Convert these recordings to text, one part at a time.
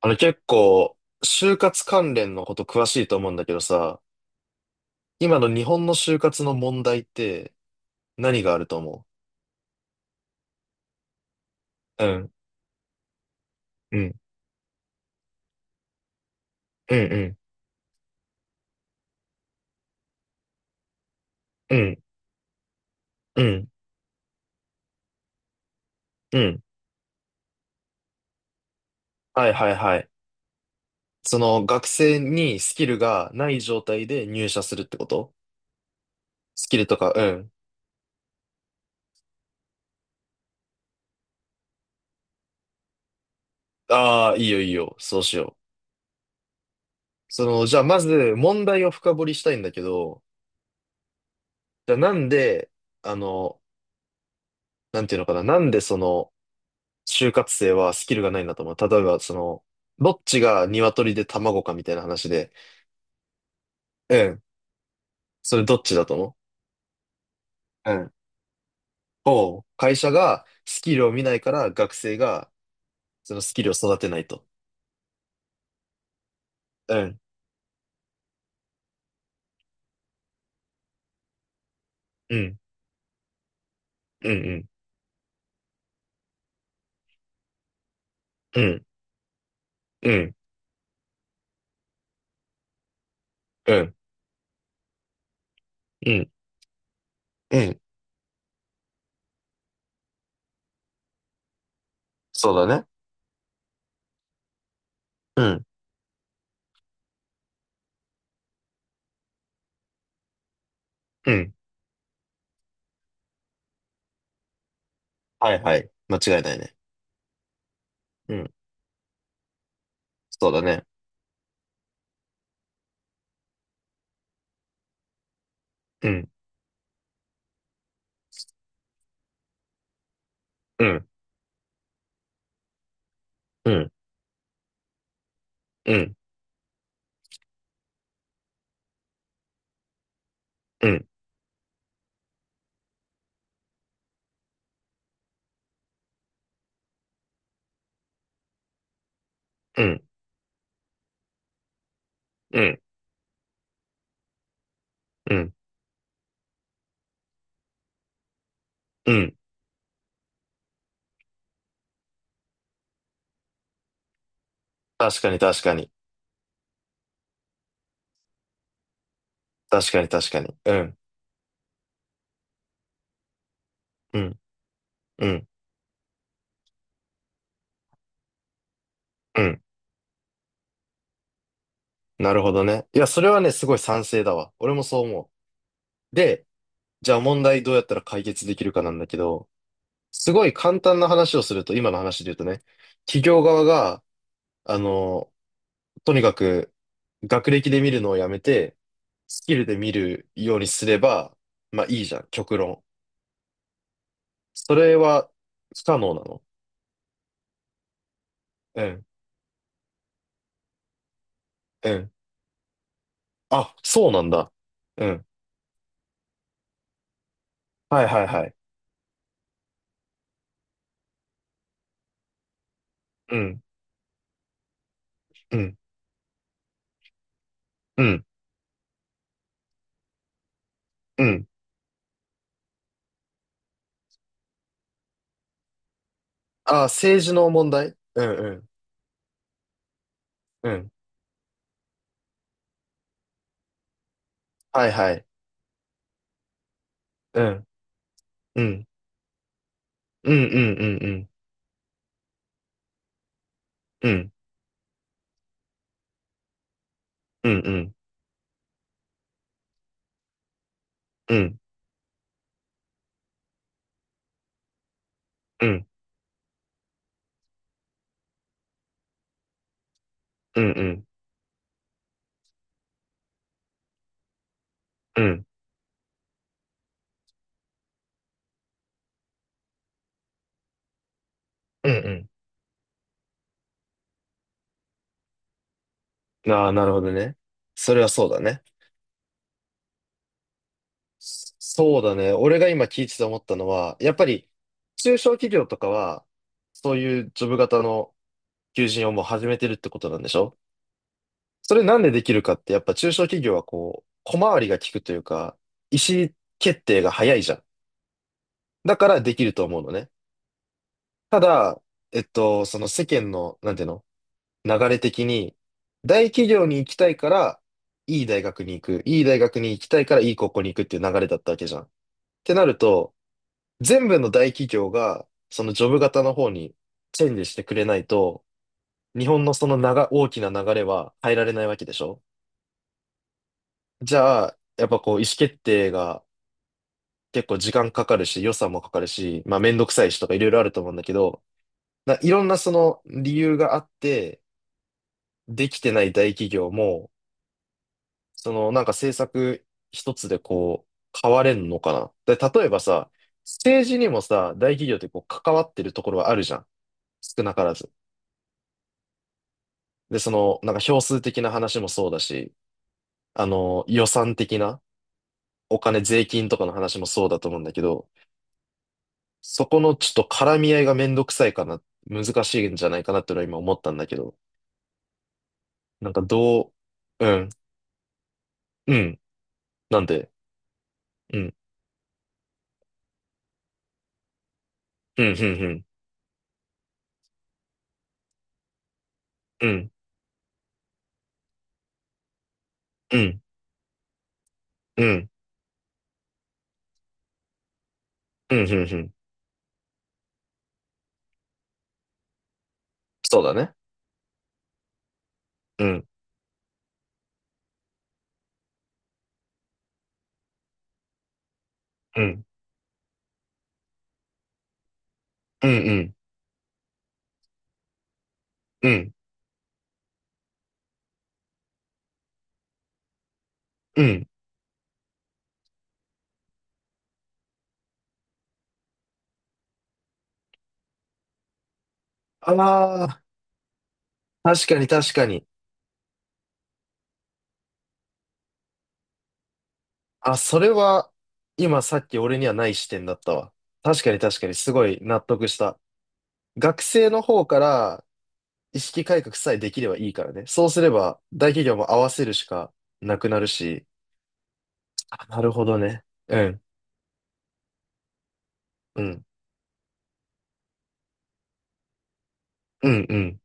結構、就活関連のこと詳しいと思うんだけどさ、今の日本の就活の問題って何があると思う？うん、うん、うん、うん、うん、うん、うん。はいはいはい。その学生にスキルがない状態で入社するってこと？スキルとか、うん。ああ、いいよいいよ。そうしよう。じゃあまず問題を深掘りしたいんだけど、じゃあなんで、あの、なんていうのかな、なんで就活生はスキルがないんだと思う。例えば、どっちが鶏で卵かみたいな話で、うん、それどっちだと思う？うん。会社がスキルを見ないから学生がそのスキルを育てないと。うん、うん、うん、うん、うん、うん、うん、うん、うん。そうだね。うん、うん。はいはい。間違いないね。うん、そうだね。うん、うん、うん、うん、うん、うん、うん、うん、うん。確かに確かに。確かに確かに。うん、うん、うん、うん。なるほどね。いや、それはね、すごい賛成だわ。俺もそう思う。で、じゃあ問題どうやったら解決できるかなんだけど、すごい簡単な話をすると、今の話で言うとね、企業側が、あの、とにかく学歴で見るのをやめて、スキルで見るようにすれば、まあいいじゃん、極論。それは不可能なの？うん、うん。あ、そうなんだ。うん。はいはいはい。うん、うん、うん、うん。あ、政治の問題？うん、うん、うん。はいはい。うん。うん。うんうんうんうん。うん。うんうんうんうんうんうん。うん。うん。ああ、なるほどね。それはそうだね。そうだね。俺が今聞いてて思ったのは、やっぱり中小企業とかは、そういうジョブ型の求人をもう始めてるってことなんでしょ？それなんでできるかって、やっぱ中小企業はこう、小回りが利くというか、意思決定が早いじゃん。だからできると思うのね。ただ、その世間の、なんていうの？流れ的に、大企業に行きたいから、いい大学に行く。いい大学に行きたいから、いい高校に行くっていう流れだったわけじゃん。ってなると、全部の大企業が、そのジョブ型の方にチェンジしてくれないと、日本のその大きな流れは変えられないわけでしょ？じゃあ、やっぱこう、意思決定が結構時間かかるし、予算もかかるし、まあめんどくさいしとかいろいろあると思うんだけど、いろんなその理由があって、できてない大企業も、なんか政策一つでこう、変われんのかな。で、例えばさ、政治にもさ、大企業ってこう、関わってるところはあるじゃん。少なからず。で、なんか票数的な話もそうだし、予算的な、お金、税金とかの話もそうだと思うんだけど、そこのちょっと絡み合いがめんどくさいかな、難しいんじゃないかなっていうのは今思ったんだけど、なんかどう？うん、うん、なんで？うん、うん、うん、うん、うん、うん、うん、うん、うん、うん。そうだね。うん。うんうんうん、うん、うん。ああ、確かに確かに。あ、それは、今さっき俺にはない視点だったわ。確かに確かに、すごい納得した。学生の方から意識改革さえできればいいからね。そうすれば、大企業も合わせるしかなくなるし。あ、なるほどね。うん、うん、うん、うん、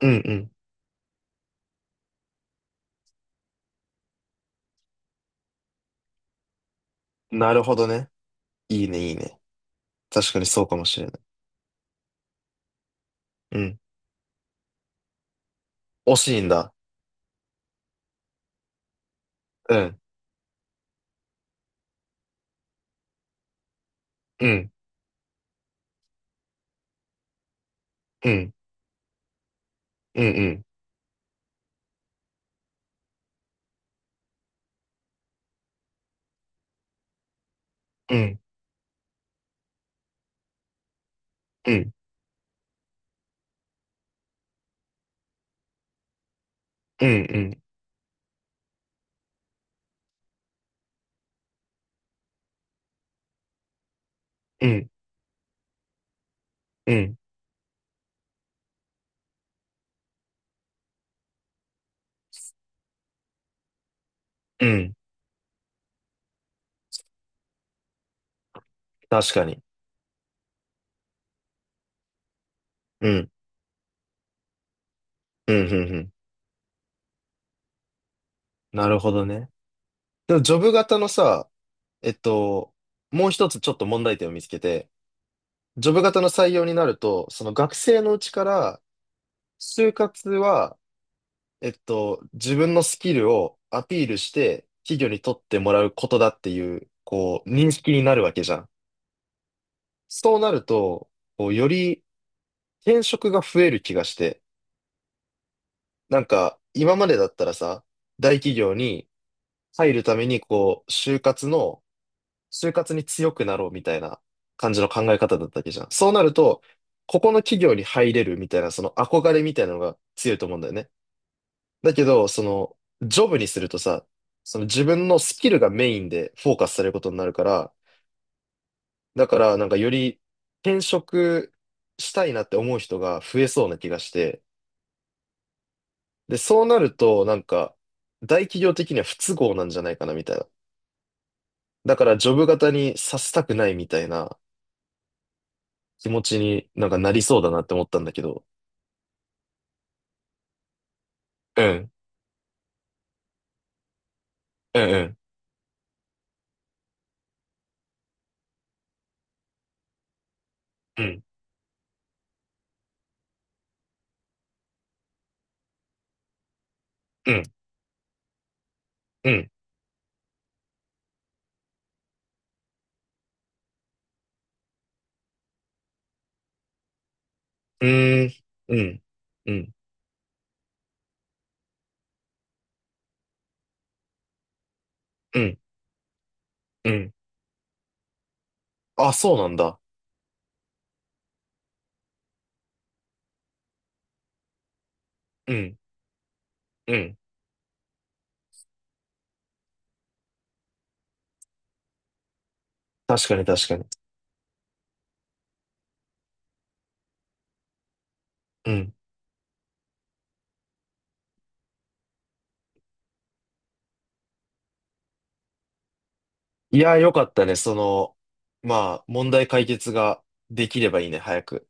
うん、うん。なるほどね。いいね、いいね。確かにそうかもしれない。うん。惜しいんだ。うん、うん、うん、うん、うん、うん、うん、うん、うん、うん。うんうん、うん、確かに。うん、うん、うん、うん。なるほどね。でも、ジョブ型のさ、えっと、もう一つちょっと問題点を見つけて、ジョブ型の採用になると、その学生のうちから、就活は、自分のスキルをアピールして、企業に取ってもらうことだっていう、こう、認識になるわけじゃん。そうなると、こう、より転職が増える気がして、なんか、今までだったらさ、大企業に、入るために、こう、就活に強くなろうみたいな感じの考え方だったわけじゃん。そうなると、ここの企業に入れるみたいな、その憧れみたいなのが強いと思うんだよね。だけど、ジョブにするとさ、その自分のスキルがメインでフォーカスされることになるから、だからなんかより転職したいなって思う人が増えそうな気がして、で、そうなるとなんか大企業的には不都合なんじゃないかなみたいな。だからジョブ型にさせたくないみたいな気持ちになんかなりそうだなって思ったんだけど。うん、うん、うん、うん、うん、うん、うーん、うん、うん、うん、うん。あ、そうなんだ。うん、うん。確かに確かに。うん。いやー、よかったね。まあ、問題解決ができればいいね、早く。